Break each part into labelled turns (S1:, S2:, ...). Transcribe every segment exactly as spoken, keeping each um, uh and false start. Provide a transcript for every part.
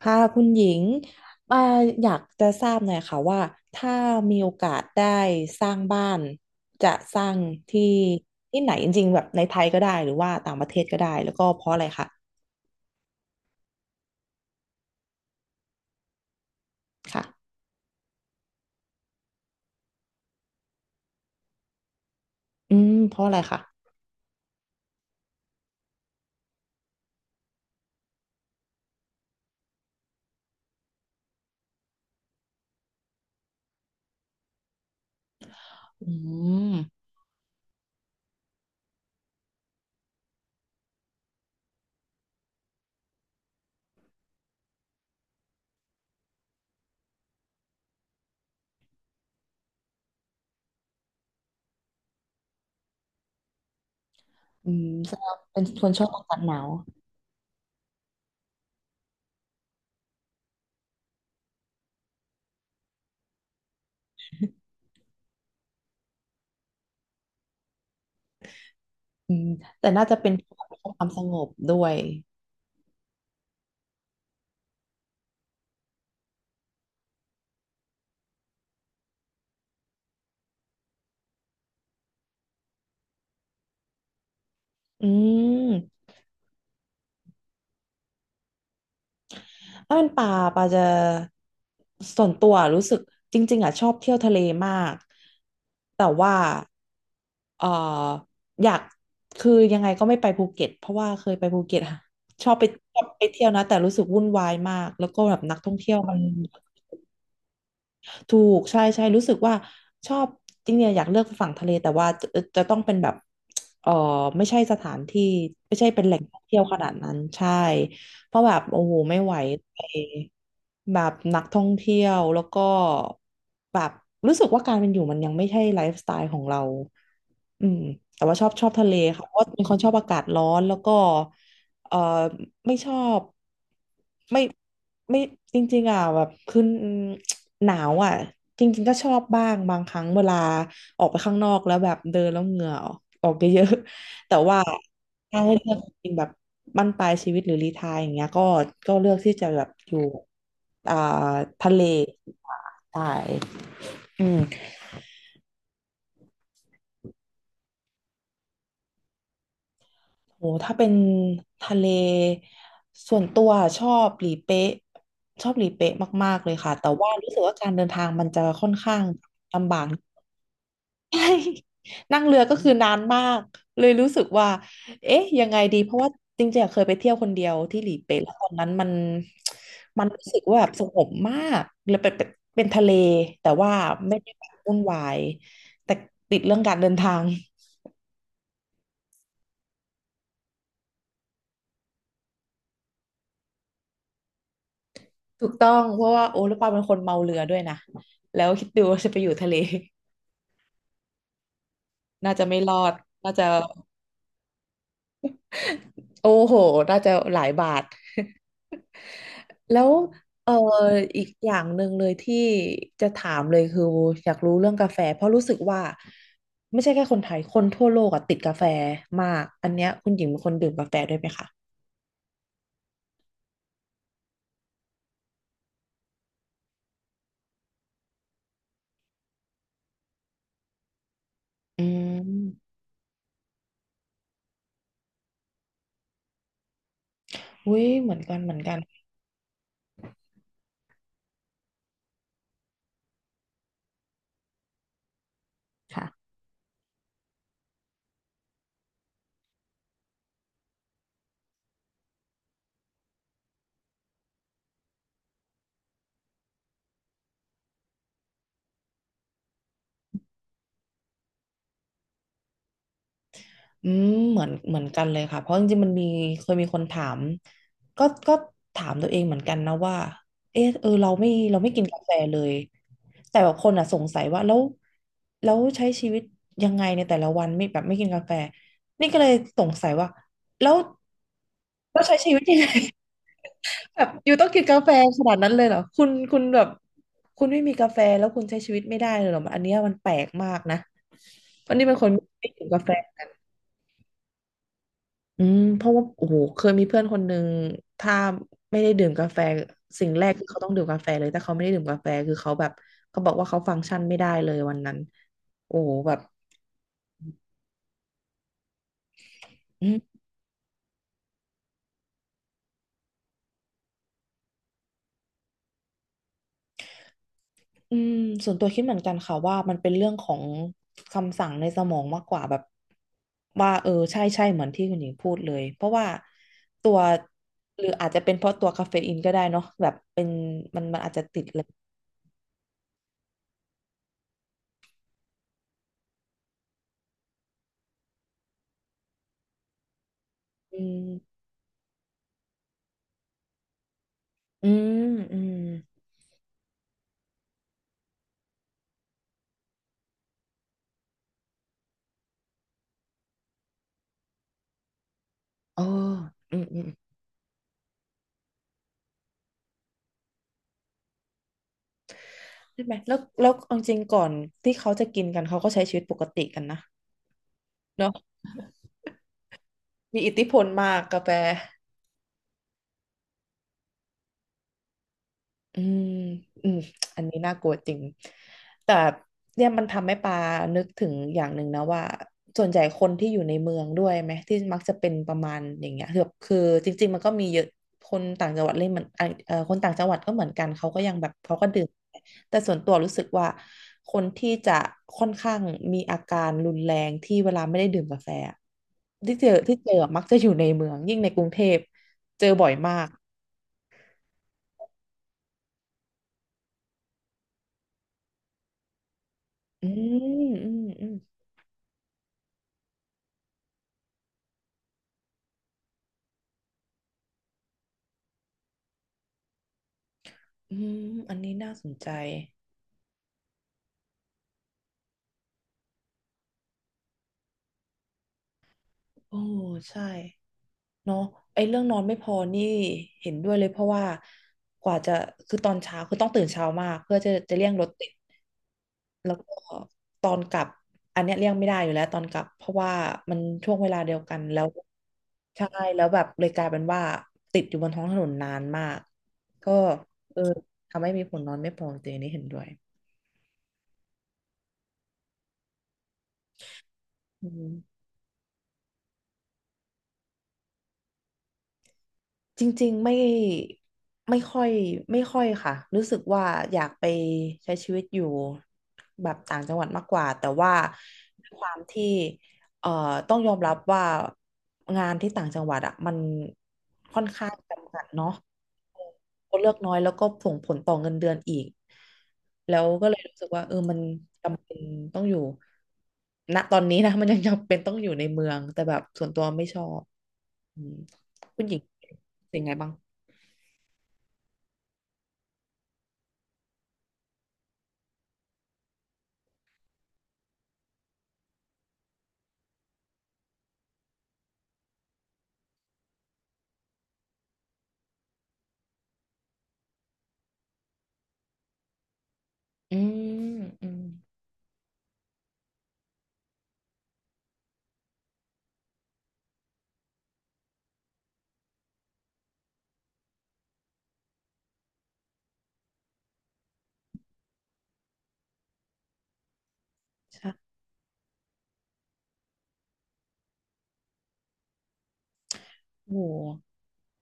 S1: ค่ะคุณหญิงอ่ออยากจะทราบหน่อยค่ะว่าถ้ามีโอกาสได้สร้างบ้านจะสร้างที่ที่ไหนจริงๆแบบในไทยก็ได้หรือว่าต่างประเทศก็ได้แล้วก็เพราะอะไรคะค่ะอืมเพราะอะไรคะอืมอืมแสดงว่าเป็นคนชอบอากาศหนาวอืมแต่น่าจะเป็นเพความสงบด้วยอืม ถ้าเป็นป่าป่าจะส่วนตัวรู้สึกจริงๆอ่ะชอบเที่ยวทะเลมากแต่ว่าเอ่ออยากคือยังไงก็ไม่ไปภูเก็ตเพราะว่าเคยไปภูเก็ตอะชอบไปชอบไปเที่ยวนะแต่รู้สึกวุ่นวายมากแล้วก็แบบนักท่องเที่ยวมัน ถูกใช่ใช่รู้สึกว่าชอบจริงๆเนี่ยอยากเลือกฝั่งทะเลแต่ว่าจะจะต้องเป็นแบบเออไม่ใช่สถานที่ไม่ใช่เป็นแหล่งท่องเที่ยวขนาดนั้นใช่เพราะแบบโอ้โหไม่ไหวไปแบบนักท่องเที่ยวแล้วก็แบบรู้สึกว่าการเป็นอยู่มันยังไม่ใช่ไลฟ์สไตล์ของเราอืมแต่ว่าชอบชอบทะเลค่ะเพราะว่าเป็นคนชอบอากาศร้อนแล้วก็ เอ่อไม่ชอบไม่ไม่จริงๆอ่ะแบบคือหนาวอ่ะจริงๆก็ชอบบ้างบางครั้งเวลาออกไปข้างนอกแล้วแบบเดินแล้วเหงื่อออกออกเยอะ ๆแต่ว่าถ้าให้เลือกจริงๆแบบบั้นปลายชีวิตหรือรีไทร์อย่างเงี้ยก็ก็เลือกที่จะแบบอยู่อ่าทะเลใช่อืม โหถ้าเป็นทะเลส่วนตัวชอบหลีเป๊ะชอบหลีเป๊ะมากๆเลยค่ะแต่ว่ารู้สึกว่าการเดินทางมันจะค่อนข้างลำบาก ใช่ นั่งเรือก็คือนานมากเลยรู้สึกว่าเอ๊ะยังไงดีเพราะว่าจริงๆอะเคยไปเที่ยวคนเดียวที่หลีเป๊ะแล้วตอนนั้นมันมันรู้สึกว่าแบบสงบมากเลยเป็นเป็นเป็นทะเลแต่ว่าไม่ได้แบบวุ่นวายแต่ติดเรื่องการเดินทาง ถูกต้องเพราะว่าโอ้แล้วปาเป็นคนเมาเรือด้วยนะแล้วคิดดูว่าจะไปอยู่ทะเล น่าจะไม่รอดน่าจะโอ้โหน่าจะหลายบาท แล้วเอออีกอย่างหนึ่งเลยที่จะถามเลยคืออยากรู้เรื่องกาแฟเพราะรู้สึกว่าไม่ใช่แค่คนไทยคนทั่วโลกอะติดกาแฟมากอันเนี้ยคุณหญิงเป็นคนดื่มกาแฟด้วยไหมคะอืมอุ้ยเหมือนกันเหมือนกันค่ะ อืมเหมือนเหมือนกันเลยค่ะเพราะจริงๆมันมีเคยมีคนถามก็ก็ถามตัวเองเหมือนกันนะว่าเออเออเราไม่เราไม่กินกาแฟเลยแต่แบบคนอ่ะสงสัยว่าแล้วแล้วใช้ชีวิตยังไงในแต่ละวันไม่แบบไม่กินกาแฟนี่ก็เลยสงสัยว่าแล้วแล้วใช้ชีวิตยังไง แบบอยู่ต้องกินกาแฟขนาดนั้นเลยเหรอคุณคุณแบบคุณไม่มีกาแฟแล้วคุณใช้ชีวิตไม่ได้เลยเหรออันเนี้ยมันแปลกมากนะวันนี้เป็นคนไม่กินกาแฟ อืมเพราะว่าโอ้โหเคยมีเพื่อนคนหนึ่งถ้าไม่ได้ดื่มกาแฟสิ่งแรกคือเขาต้องดื่มกาแฟเลยถ้าเขาไม่ได้ดื่มกาแฟคือเขาแบบเขาบอกว่าเขาฟังก์ชันไม่ได้เลยวันนั้นโอ้โหแบบอืมอืมส่วนตัวคิดเหมือนกันค่ะว่ามันเป็นเรื่องของคำสั่งในสมองมากกว่าแบบว่าเออใช่ใช่เหมือนที่คุณหญิงพูดเลยเพราะว่าตัวหรืออาจจะเป็นเพราะตัวคาเฟอีนก็ได้เนาะแบบเป็นมันมันอาจจะติดเลยอืมอืมอืมโออืมอืม ใช่ไหมแล้วแล้วเอาจริงก่อนที่เขาจะกินกัน เขาก็ใช้ชีวิตปกติกันนะเนาะมีอิทธิพลมากกาแฟ อืมอืมอันนี้น่ากลัวจริงแต่เนี่ยมันทำให้ปานึกถึงอย่างหนึ่งนะว่า ส่วนใหญ่คนที่อยู่ในเมืองด้วยไหมที่มักจะเป็นประมาณอย่างเงี้ยคือคือจริงๆมันก็มีเยอะคนต่างจังหวัดเล่นเหมือนอ่ะเอ่อคนต่างจังหวัดก็เหมือนกัน เขาก็ยังแบบเขาก็ดื่มแต่ส่วนตัวรู้สึกว่าคนที่จะค่อนข้างมีอาการรุนแรงที่เวลาไม่ได้ดื่มกาแฟอะที่เจอที่เจอมักจะอยู่ในเมืองยิ่งในกรุงเทพเจอบ่อยมากอืมอืมอืม อืมอันนี้น่าสนใจโอ้ใช่เนาะไอ้เรื่องนอนไม่พอนี่เห็นด้วยเลยเพราะว่ากว่าจะคือตอนเช้าคือต้องตื่นเช้ามากเพื่อจะจะเลี่ยงรถติดแล้วก็ตอนกลับอันเนี้ยเลี่ยงไม่ได้อยู่แล้วตอนกลับเพราะว่ามันช่วงเวลาเดียวกันแล้วใช่แล้วแบบเลยกลายเป็นว่าติดอยู่บนท้องถนนนานมากก็เออทำให้มีผลนอนไม่พอจริงๆอันนี้เห็นด้วยอืม จริงๆไม่ไม่ค่อยไม่ค่อยค่ะรู้สึกว่าอยากไปใช้ชีวิตอยู่แบบต่างจังหวัดมากกว่าแต่ว่าด้วยความที่เอ่อต้องยอมรับว่างานที่ต่างจังหวัดอ่ะมันค่อนข้างจำกัดเนาะคนเลือกน้อยแล้วก็ส่งผลต่อเงินเดือนอีกแล้วก็เลยรู้สึกว่าเออมันจำเป็นต้องอยู่ณตอนนี้นะมันยังจำเป็นต้องอยู่ในเมืองแต่แบบส่วนตัวไม่ชอบอืม คุณหญิงเป็นไงบ้างอืมอืมใช่โห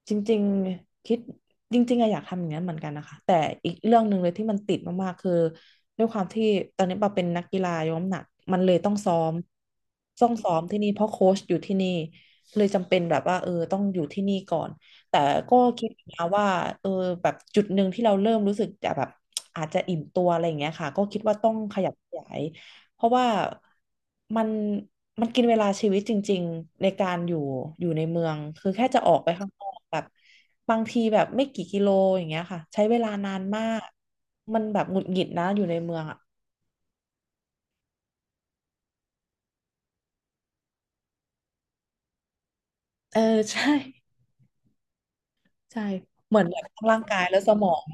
S1: จริงๆคิดจริงๆอะอยากทำอย่างนั้นเหมือนกันนะคะแต่อีกเรื่องหนึ่งเลยที่มันติดมากๆคือด้วยความที่ตอนนี้ปาเป็นนักกีฬายกน้ำหนักมันเลยต้องซ้อมต้องซ้อมที่นี่เพราะโค้ชอยู่ที่นี่เลยจำเป็นแบบว่าเออต้องอยู่ที่นี่ก่อนแต่ก็คิดนะว่าเออแบบจุดหนึ่งที่เราเริ่มรู้สึกจะแบบอาจจะอิ่มตัวอะไรอย่างเงี้ยค่ะก็คิดว่าต้องขยับขยาย เพราะว่ามันมันกินเวลาชีวิตจริงๆในการอยู่อยู่ในเมืองคือแค่จะออกไปข้างนอกแบบบางทีแบบไม่กี่กิโลอย่างเงี้ยค่ะใช้เวลานานมากมันแบบหงุดหงิดนะอยู่ในเมืองอ่ะเออ ใช่ใช่เหมือนแบบทั้งร่างกายและสมอง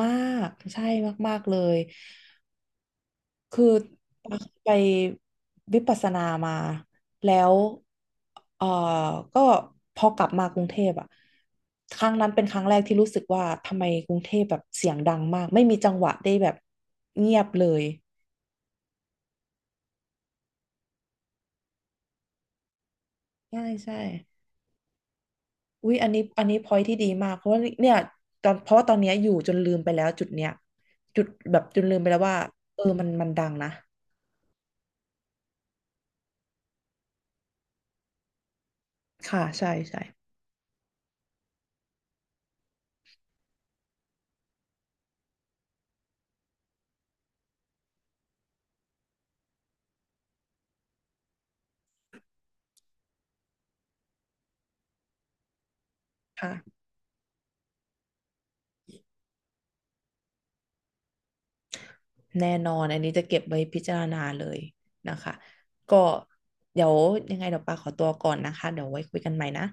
S1: มากใช่มากๆเลย คือไปวิปัสสนามาแล้วเอ่อก็พอกลับมากรุงเทพอะครั้งนั้นเป็นครั้งแรกที่รู้สึกว่าทำไมกรุงเทพแบบเสียงดังมากไม่มีจังหวะได้แบบเงียบเลยใช่ใช่อุ้ยอันนี้อันนี้พอยที่ดีมากเพราะว่าเนี่ยตอนเพราะว่าตอนเนี้ยอยู่จนลืมไปแล้วจุดเนี้ยจุดแบบจนลืมไปแล้วว่าเออมันมันดังนะค่ะใช่ใช่ค่ะ แน่นอนอันนี้จะเก็บไว้พิจารณาเลยนะคะก็เดี๋ยวยังไงเดี๋ยวปาขอตัวก่อนนะคะเดี๋ยวไว้คุยกันใหม่นะ